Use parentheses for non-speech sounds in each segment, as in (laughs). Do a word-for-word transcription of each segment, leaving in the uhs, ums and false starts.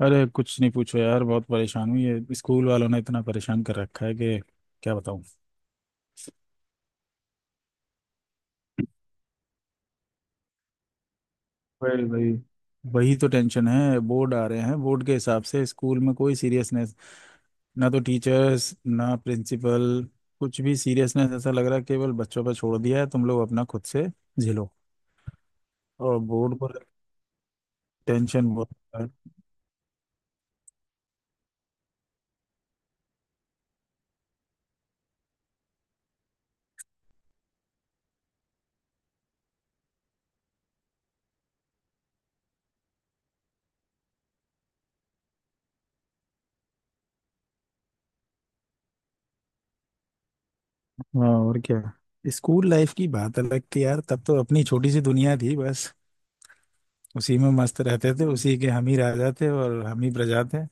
अरे कुछ नहीं पूछो यार, बहुत परेशान हूँ। ये स्कूल वालों ने इतना परेशान कर रखा है कि क्या बताऊँ। वही वही वही तो टेंशन है। बोर्ड आ रहे हैं, बोर्ड के हिसाब से स्कूल में कोई सीरियसनेस ना तो टीचर्स, ना प्रिंसिपल, कुछ भी सीरियसनेस। ऐसा लग रहा है केवल बच्चों पर छोड़ दिया है, तुम लोग अपना खुद से झेलो। और बोर्ड पर टेंशन बहुत है। हाँ और क्या। स्कूल लाइफ की बात अलग थी यार, तब तो अपनी छोटी सी दुनिया थी, बस उसी में मस्त रहते थे, उसी के हम ही राजा थे और हम ही प्रजा थे।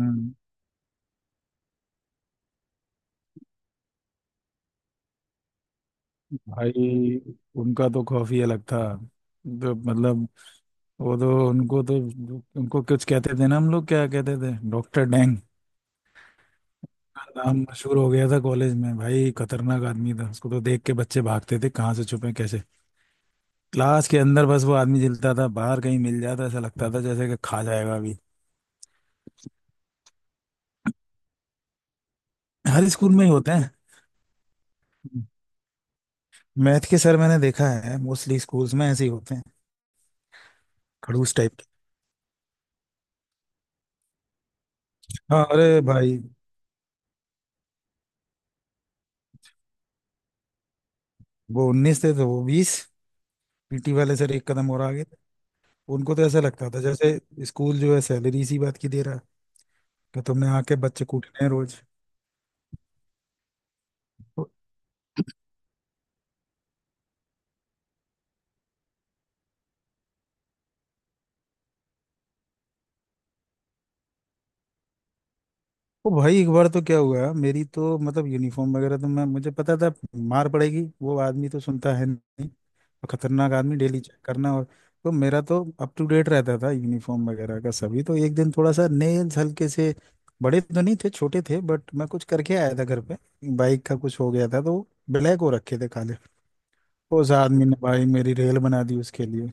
हम्म। भाई उनका तो खौफ ही अलग था। तो मतलब वो तो उनको तो उनको कुछ कहते थे ना, हम लोग क्या कहते थे, डॉक्टर डैंग। का नाम मशहूर हो गया था कॉलेज में। भाई खतरनाक आदमी था, उसको तो देख के बच्चे भागते थे कहाँ से छुपे कैसे क्लास के अंदर। बस वो आदमी जलता था, बाहर कहीं मिल जाता ऐसा लगता था जैसे कि खा जाएगा अभी। हर स्कूल में ही होते हैं। मैथ के सर मैंने देखा है मोस्टली स्कूल्स में ऐसे ही होते हैं, खड़ूस टाइप। हाँ अरे भाई। वो उन्नीस थे तो वो बीस, पीटी वाले सर एक कदम और आगे थे। उनको तो ऐसा लगता था जैसे स्कूल जो है सैलरी इसी बात की दे रहा है कि तुमने आके बच्चे कूटने हैं रोज। ओ भाई एक बार तो क्या हुआ, मेरी तो मतलब यूनिफॉर्म वगैरह तो मैं मुझे पता था मार पड़ेगी, वो आदमी तो सुनता है नहीं। और खतरनाक आदमी, डेली चेक करना। और तो मेरा तो अप टू डेट रहता था यूनिफॉर्म वगैरह का सभी। तो एक दिन थोड़ा सा नेल्स, हल्के से बड़े तो नहीं थे, छोटे थे, बट मैं कुछ करके आया था घर पे, बाइक का कुछ हो गया था, तो ब्लैक हो रखे थे, काले। उस आदमी ने भाई मेरी रेल बना दी उसके लिए।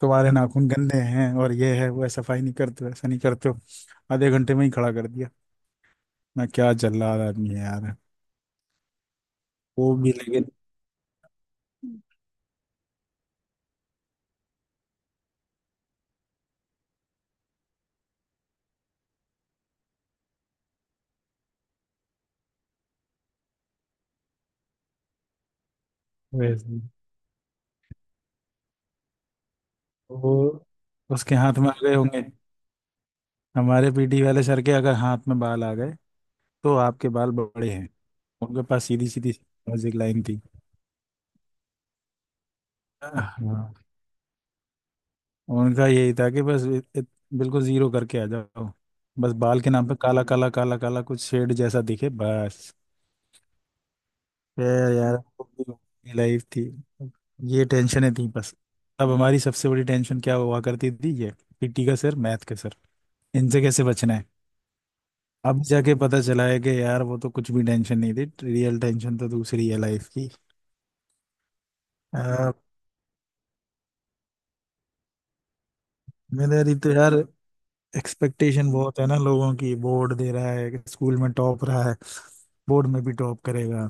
तुम्हारे नाखून गंदे हैं और ये है वो है, सफाई नहीं करते हो, ऐसा नहीं करते हो। आधे घंटे में ही खड़ा कर दिया ना। क्या जल्लाद आदमी है यार। वो भी लेकिन वैसे ही। वो उसके हाथ में आ गए होंगे। हमारे पीटी वाले सर के अगर हाथ में बाल आ गए तो आपके बाल बड़े हैं। उनके पास सीधी सीधी म्यूजिक लाइन थी। हाँ। उनका यही था कि बस इत, इत, बिल्कुल जीरो करके आ जाओ। बस बाल के नाम पे काला काला काला काला कुछ शेड जैसा दिखे, बस। फिर यार वो भी लाइफ थी, ये टेंशनें थी बस। अब हमारी सबसे बड़ी टेंशन क्या हुआ करती थी, ये पीटी का सर, मैथ का सर, इनसे कैसे बचना है। अब जाके पता चला है कि यार वो तो कुछ भी टेंशन नहीं थी, रियल टेंशन तो दूसरी है लाइफ की। आ, जिम्मेदारी तो यार एक्सपेक्टेशन बहुत है ना लोगों की, बोर्ड दे रहा है, स्कूल में टॉप रहा है, बोर्ड में भी टॉप करेगा।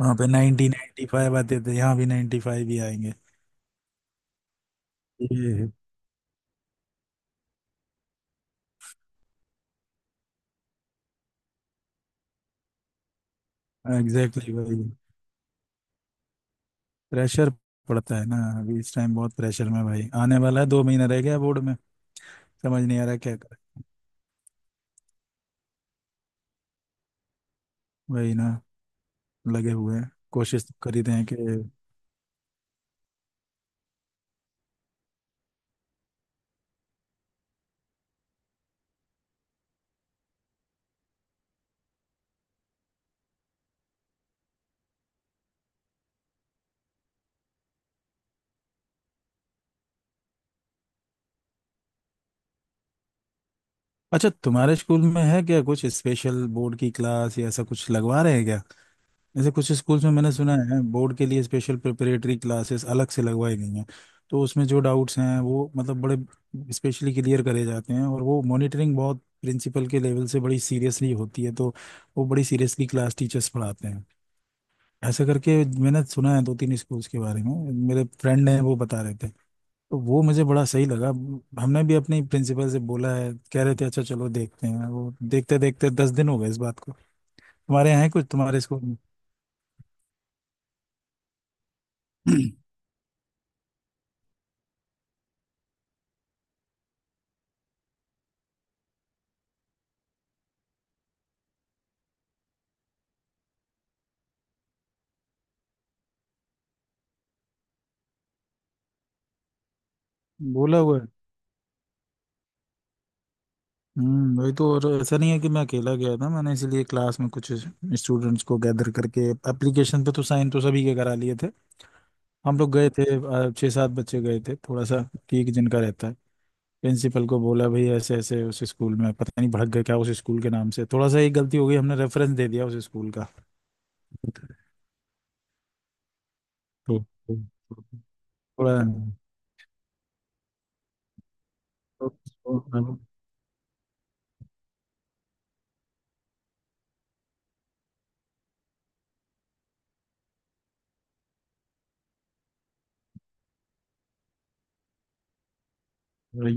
वहाँ पे नाइनटी नाइन्टी फाइव आते थे, यहाँ भी नाइन्टी फाइव ही आएंगे। ये एग्जैक्टली exactly भाई। प्रेशर पड़ता है ना, अभी इस टाइम बहुत प्रेशर में भाई आने वाला है, दो महीना रह गया बोर्ड में। समझ नहीं आ रहा क्या करें। वही ना, लगे हुए हैं, कोशिश तो कर ही रहे हैं कि। अच्छा तुम्हारे स्कूल में है क्या कुछ स्पेशल बोर्ड की क्लास या ऐसा कुछ लगवा रहे हैं क्या। जैसे कुछ स्कूल्स में मैंने सुना है बोर्ड के लिए स्पेशल प्रिपरेटरी क्लासेस अलग से लगवाई गई हैं। तो उसमें जो डाउट्स हैं वो मतलब बड़े स्पेशली क्लियर करे जाते हैं, और वो मॉनिटरिंग बहुत प्रिंसिपल के लेवल से बड़ी सीरियसली होती है। तो वो बड़ी सीरियसली क्लास टीचर्स पढ़ाते हैं ऐसा करके। मैंने सुना है दो तीन स्कूल्स के बारे में, मेरे फ्रेंड हैं वो बता रहे थे, तो वो मुझे बड़ा सही लगा। हमने भी अपने प्रिंसिपल से बोला है, कह रहे थे अच्छा चलो देखते हैं, वो देखते देखते दस दिन हो गए इस बात को। तुम्हारे यहाँ है कुछ तुम्हारे स्कूल में। बोला हुआ है। हम्म वही तो। और ऐसा नहीं है कि मैं अकेला गया था, मैंने इसीलिए क्लास में कुछ स्टूडेंट्स को गैदर करके एप्लीकेशन पे तो साइन तो सभी के करा लिए थे। हम लोग गए थे। अ, छः सात बच्चे गए थे, थोड़ा सा ठीक जिनका रहता है। प्रिंसिपल को बोला भाई ऐसे ऐसे उस स्कूल में, पता नहीं भड़क गए क्या उस स्कूल के नाम से, थोड़ा सा एक गलती हो गई हमने रेफरेंस दे दिया उस स्कूल का। (laughs) तो पूरा-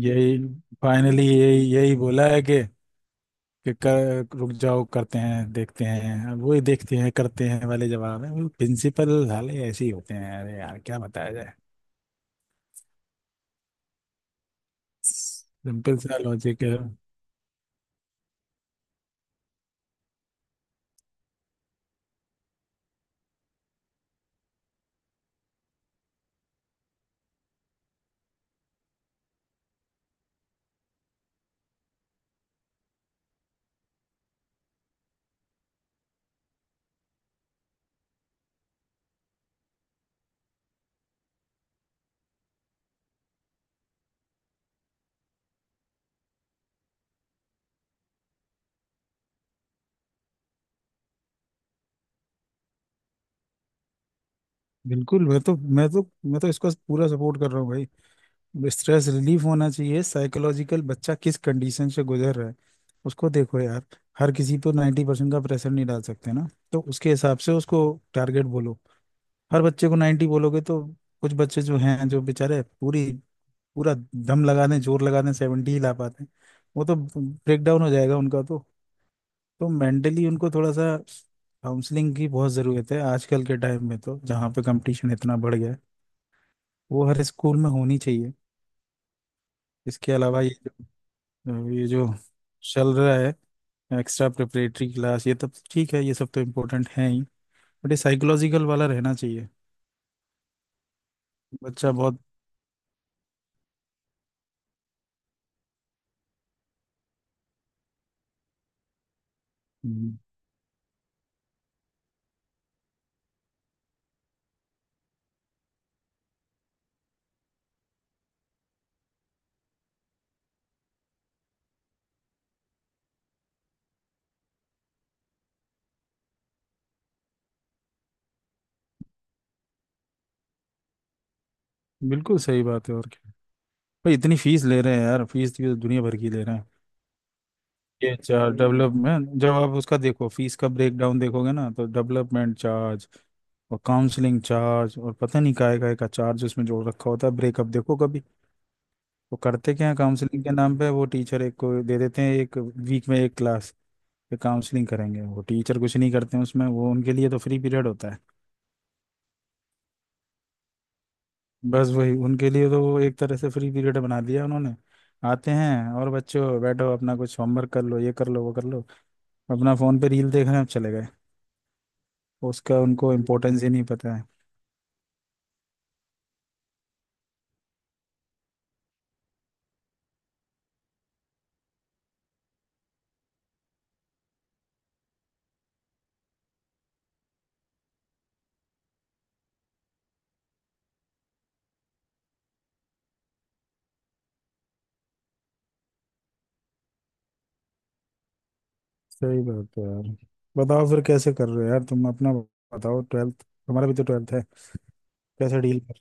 यही फाइनली, यही यही बोला है कि कि कर, रुक जाओ, करते हैं देखते हैं, अब वही देखते हैं करते हैं वाले जवाब है। वो प्रिंसिपल साले ऐसे ही होते हैं, अरे यार क्या बताया जाए। सिंपल सा लॉजिक है। बिल्कुल, मैं तो मैं तो मैं तो इसको पूरा सपोर्ट कर रहा हूँ भाई। स्ट्रेस रिलीफ होना चाहिए, साइकोलॉजिकल बच्चा किस कंडीशन से गुजर रहा है उसको देखो यार। हर किसी पर नाइन्टी परसेंट का प्रेशर नहीं डाल सकते ना, तो उसके हिसाब से उसको टारगेट बोलो। हर बच्चे को नब्बे बोलोगे तो कुछ बच्चे जो हैं जो बेचारे पूरी, पूरा दम लगा दें जोर लगा दें सत्तर ही ला पाते हैं, वो तो ब्रेक डाउन हो जाएगा उनका तो। तो मेंटली उनको थोड़ा सा काउंसलिंग की बहुत ज़रूरत है आजकल के टाइम में, तो जहाँ पे कंपटीशन इतना बढ़ गया है, वो हर स्कूल में होनी चाहिए। इसके अलावा ये जो ये जो चल रहा है एक्स्ट्रा प्रिपरेटरी क्लास, ये तब ठीक है, ये सब तो इम्पोर्टेंट है ही, बट ये साइकोलॉजिकल वाला रहना चाहिए। बच्चा बहुत। बिल्कुल सही बात है, और क्या। भाई इतनी फीस ले रहे हैं यार, फीस तो दुनिया भर की ले रहे हैं। ये चार हम्म, डेवलपमेंट, जब आप उसका देखो फीस का ब्रेकडाउन देखोगे ना, तो डेवलपमेंट चार्ज और काउंसलिंग चार्ज और पता नहीं काय काय का चार्ज उसमें जोड़ रखा होता है, ब्रेकअप देखो कभी। वो करते क्या है काउंसलिंग के नाम पे, वो टीचर एक को दे देते हैं, एक वीक में एक क्लास, ये काउंसलिंग करेंगे। वो टीचर कुछ नहीं करते हैं उसमें, वो उनके लिए तो फ्री पीरियड होता है। बस वही, उनके लिए तो वो एक तरह से फ्री पीरियड बना दिया उन्होंने। आते हैं और बच्चों बैठो अपना कुछ होमवर्क कर लो, ये कर लो वो कर लो, अपना फोन पे रील देख रहे हैं, अब चले गए। उसका उनको इम्पोर्टेंस ही नहीं पता है। सही बात है यार। बताओ फिर कैसे कर रहे हो यार, तुम अपना बताओ, ट्वेल्थ हमारा भी तो ट्वेल्थ है, कैसे डील कर।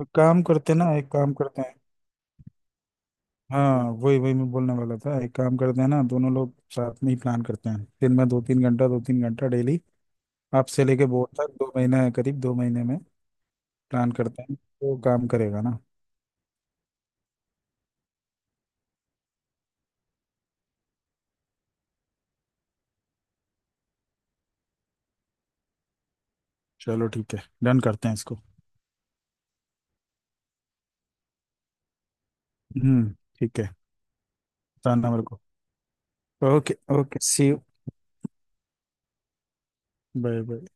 एक काम करते हैं ना, एक काम करते हैं। हाँ, वही वही मैं बोलने वाला था। एक काम करते हैं ना, दोनों लोग साथ में ही प्लान करते हैं, दिन में दो तीन घंटा दो तीन घंटा डेली, आपसे लेके बोर्ड तक दो महीने, करीब दो महीने में प्लान करते हैं, तो काम करेगा ना। चलो ठीक है, डन करते हैं इसको। हम्म, ठीक है। बताना मेरे को। Okay. Okay see you. Bye bye.